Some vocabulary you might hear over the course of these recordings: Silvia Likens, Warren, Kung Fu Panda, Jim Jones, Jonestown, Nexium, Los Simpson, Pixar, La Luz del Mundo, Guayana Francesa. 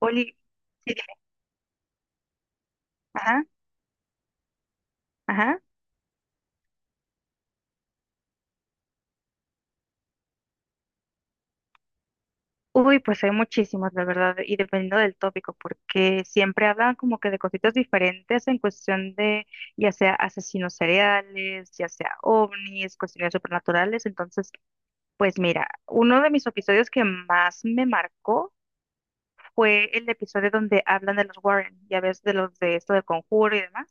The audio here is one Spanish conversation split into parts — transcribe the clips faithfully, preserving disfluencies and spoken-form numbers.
Oli, sí, dime. Ajá, ajá. Uy, pues hay muchísimos, la verdad, y dependiendo del tópico, porque siempre hablan como que de cositas diferentes en cuestión de, ya sea asesinos seriales, ya sea ovnis, cuestiones supernaturales. Entonces, pues mira, uno de mis episodios que más me marcó fue el episodio donde hablan de los Warren, ya ves, de los de esto del conjuro y demás.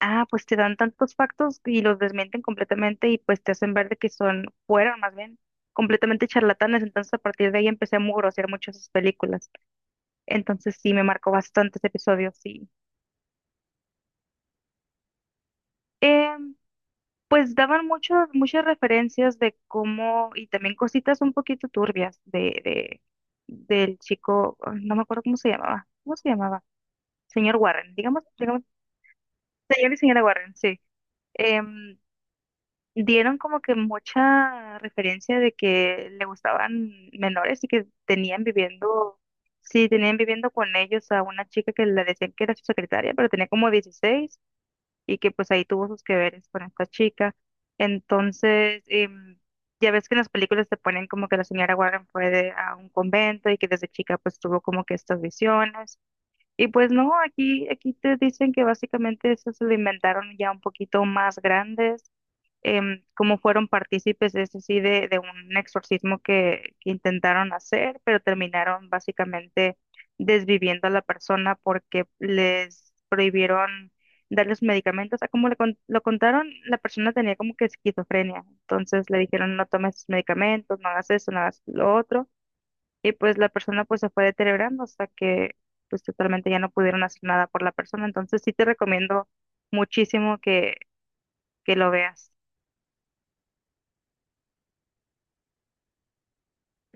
Ah, pues te dan tantos factos y los desmienten completamente y pues te hacen ver de que son, fueron más bien, completamente charlatanes. Entonces a partir de ahí empecé a mugrosear mucho esas películas. Entonces sí, me marcó bastantes episodios, sí. Em, pues daban muchos, muchas referencias de cómo, y también cositas un poquito turbias de, de, del chico, ah, no me acuerdo cómo se llamaba, ¿cómo se llamaba? Señor Warren, digamos, digamos, señor y señora Warren, sí. Em, dieron como que mucha referencia de que le gustaban menores y que tenían viviendo, sí, tenían viviendo con ellos a una chica que le decían que era su secretaria, pero tenía como dieciséis y que pues ahí tuvo sus que veres con esta chica. Entonces, em, ya ves que en las películas te ponen como que la señora Warren fue de- a un convento y que desde chica pues tuvo como que estas visiones y pues no, aquí, aquí te dicen que básicamente esos se lo inventaron ya un poquito más grandes, em, como fueron partícipes, es decir, de, de un exorcismo que, que intentaron hacer, pero terminaron básicamente desviviendo a la persona porque les prohibieron darles medicamentos. O sea, como le con- lo contaron, la persona tenía como que esquizofrenia, entonces le dijeron no tomes medicamentos, no hagas eso, no hagas lo otro. Y pues la persona pues se fue deteriorando hasta que pues totalmente ya no pudieron hacer nada por la persona. Entonces sí te recomiendo muchísimo que, que lo veas.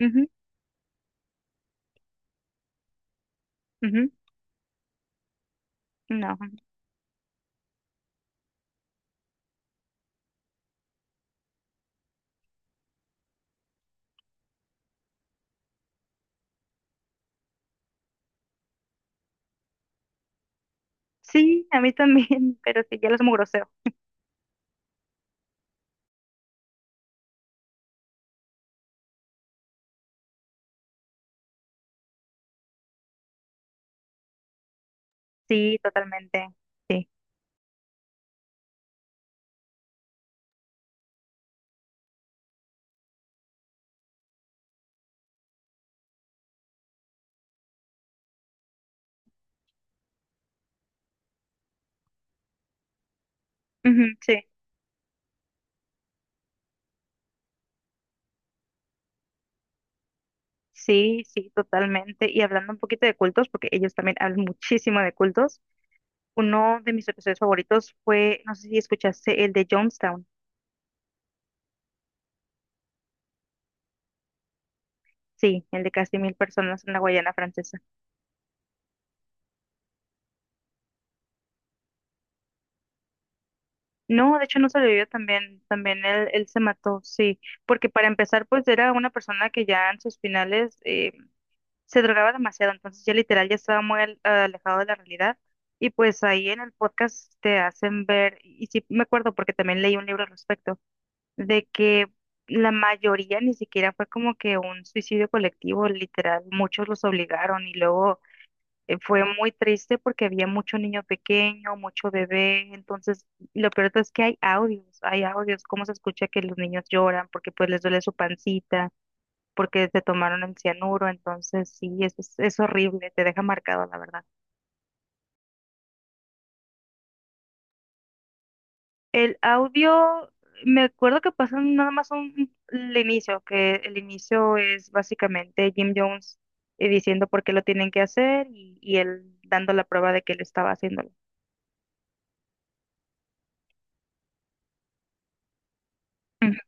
Ujú, ujú, no. Sí, a mí también, pero sí, ya lo es muy grosero. Sí, totalmente. Sí. Ujú, sí. Sí, sí, totalmente. Y hablando un poquito de cultos, porque ellos también hablan muchísimo de cultos, uno de mis episodios favoritos fue, no sé si escuchaste, el de Jonestown. Sí, el de casi mil personas en la Guayana Francesa. No, de hecho no sobrevivió también, también él, él se mató, sí, porque para empezar pues era una persona que ya en sus finales eh, se drogaba demasiado, entonces ya literal ya estaba muy al- alejado de la realidad y pues ahí en el podcast te hacen ver, y sí me acuerdo porque también leí un libro al respecto, de que la mayoría ni siquiera fue como que un suicidio colectivo, literal, muchos los obligaron y luego eh, fue muy triste porque había mucho niño pequeño, mucho bebé, entonces lo peor es que hay audios, hay audios, cómo se escucha que los niños lloran porque pues les duele su pancita, porque se tomaron el cianuro, entonces sí, es, es, es horrible, te deja marcado la verdad. El audio, me acuerdo que pasó nada más un, el inicio, que el inicio es básicamente Jim Jones eh, diciendo por qué lo tienen que hacer y, y él dando la prueba de que él estaba haciéndolo. Ujú.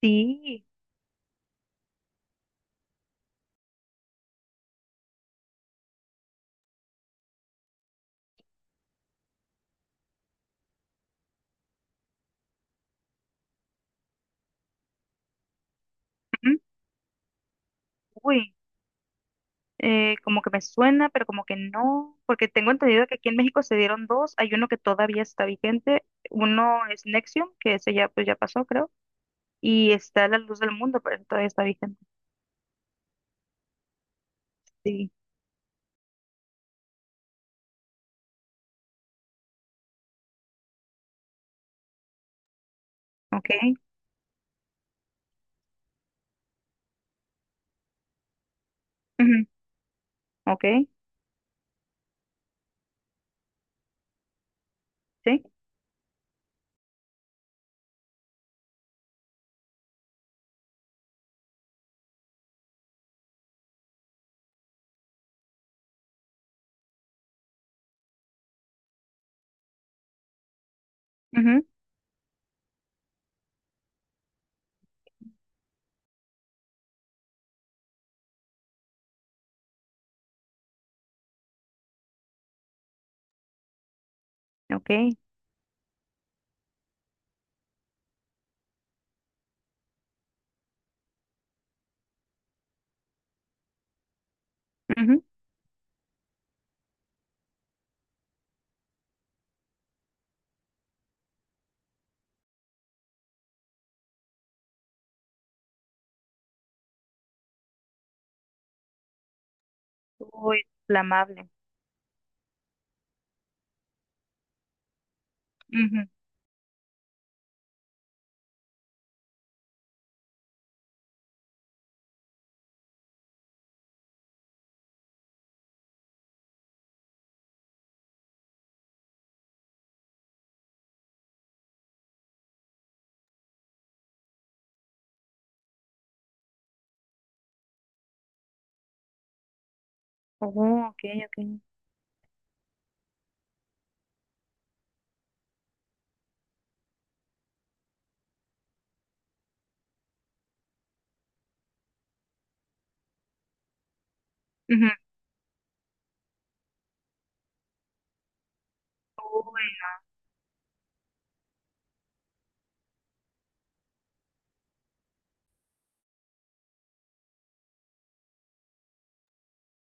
Sí. Ujú. Uy. eh, como que me suena, pero como que no, porque tengo entendido que aquí en México se dieron dos, hay uno que todavía está vigente, uno es Nexium, que ese ya pues ya pasó, creo, y está La Luz del Mundo, pero ese todavía está vigente. Sí, ok, ujú, ok, sí, ujú, ok, ujú. Uy, inflamable. Ujú. Oh, ok, ok. Ujú. Uy,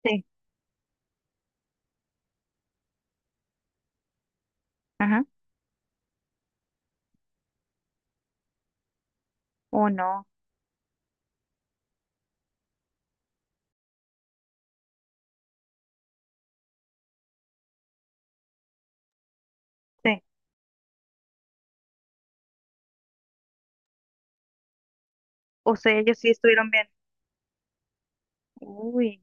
sí, ajá, oh no, sí, o sea, ellos sí estuvieron bien. Uy,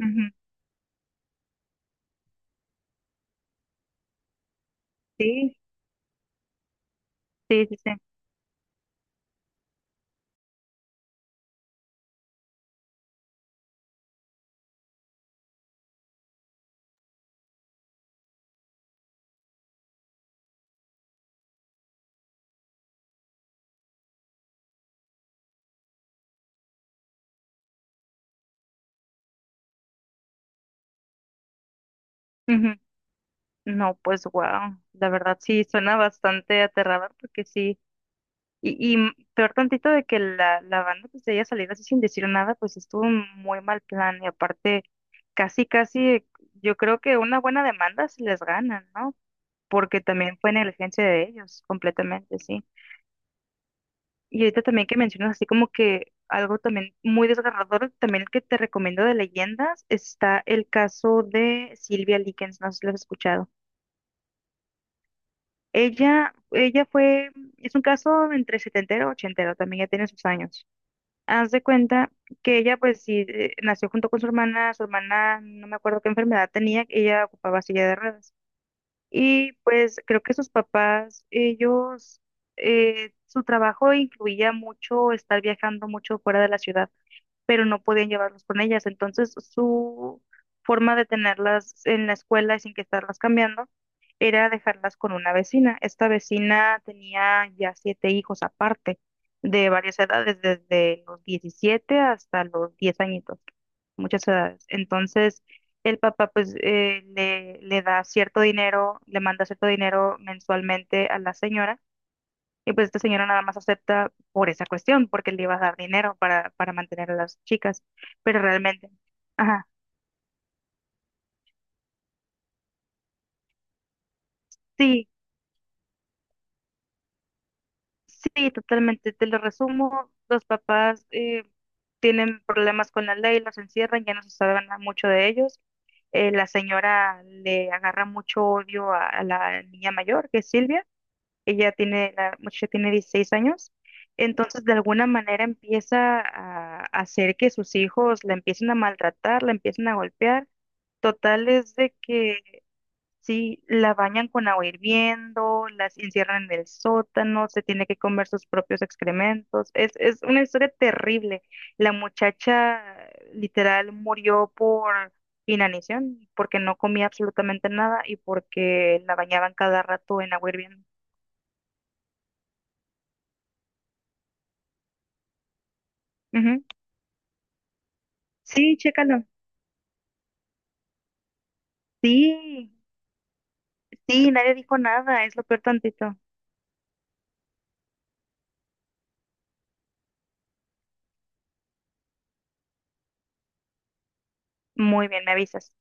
ujú. Sí, sí, sí, sí. No, pues wow, la verdad sí suena bastante aterrador porque sí, y, y peor tantito de que la, la banda pues de ella salir así sin decir nada, pues estuvo un muy mal plan y aparte casi casi yo creo que una buena demanda se les gana, ¿no? Porque también fue negligencia de ellos completamente, sí. Y ahorita también que mencionas así como que algo también muy desgarrador, también el que te recomiendo de leyendas, está el caso de Silvia Likens, no sé si lo has escuchado. Ella, ella fue, es un caso entre setentero y ochentero, también ya tiene sus años. Haz de cuenta que ella, pues sí, eh, nació junto con su hermana, su hermana, no me acuerdo qué enfermedad tenía, ella ocupaba silla de ruedas. Y pues creo que sus papás, ellos, eh, su trabajo incluía mucho estar viajando mucho fuera de la ciudad pero no podían llevarlos con ellas. Entonces, su forma de tenerlas en la escuela y sin que estarlas cambiando era dejarlas con una vecina. Esta vecina tenía ya siete hijos aparte, de varias edades, desde los diecisiete hasta los diez añitos, muchas edades. Entonces, el papá pues eh, le, le da cierto dinero, le manda cierto dinero mensualmente a la señora y pues esta señora nada más acepta por esa cuestión, porque le iba a dar dinero para, para mantener a las chicas. Pero realmente, ajá, sí, sí, totalmente. Te lo resumo, los papás eh, tienen problemas con la ley, los encierran, ya no se sabe nada mucho de ellos. Eh, la señora le agarra mucho odio a, a la niña mayor, que es Silvia. Ella tiene, la muchacha tiene dieciséis años. Entonces, de alguna manera empieza a a hacer que sus hijos la empiecen a maltratar, la empiecen a golpear. Total es de que sí, la bañan con agua hirviendo, las encierran en el sótano, se tiene que comer sus propios excrementos. Es, es una historia terrible. La muchacha literal murió por inanición, porque no comía absolutamente nada y porque la bañaban cada rato en agua hirviendo. Ujú. Sí, chécalo. Sí, sí, nadie dijo nada, es lo peor tantito. Muy bien, me avisas.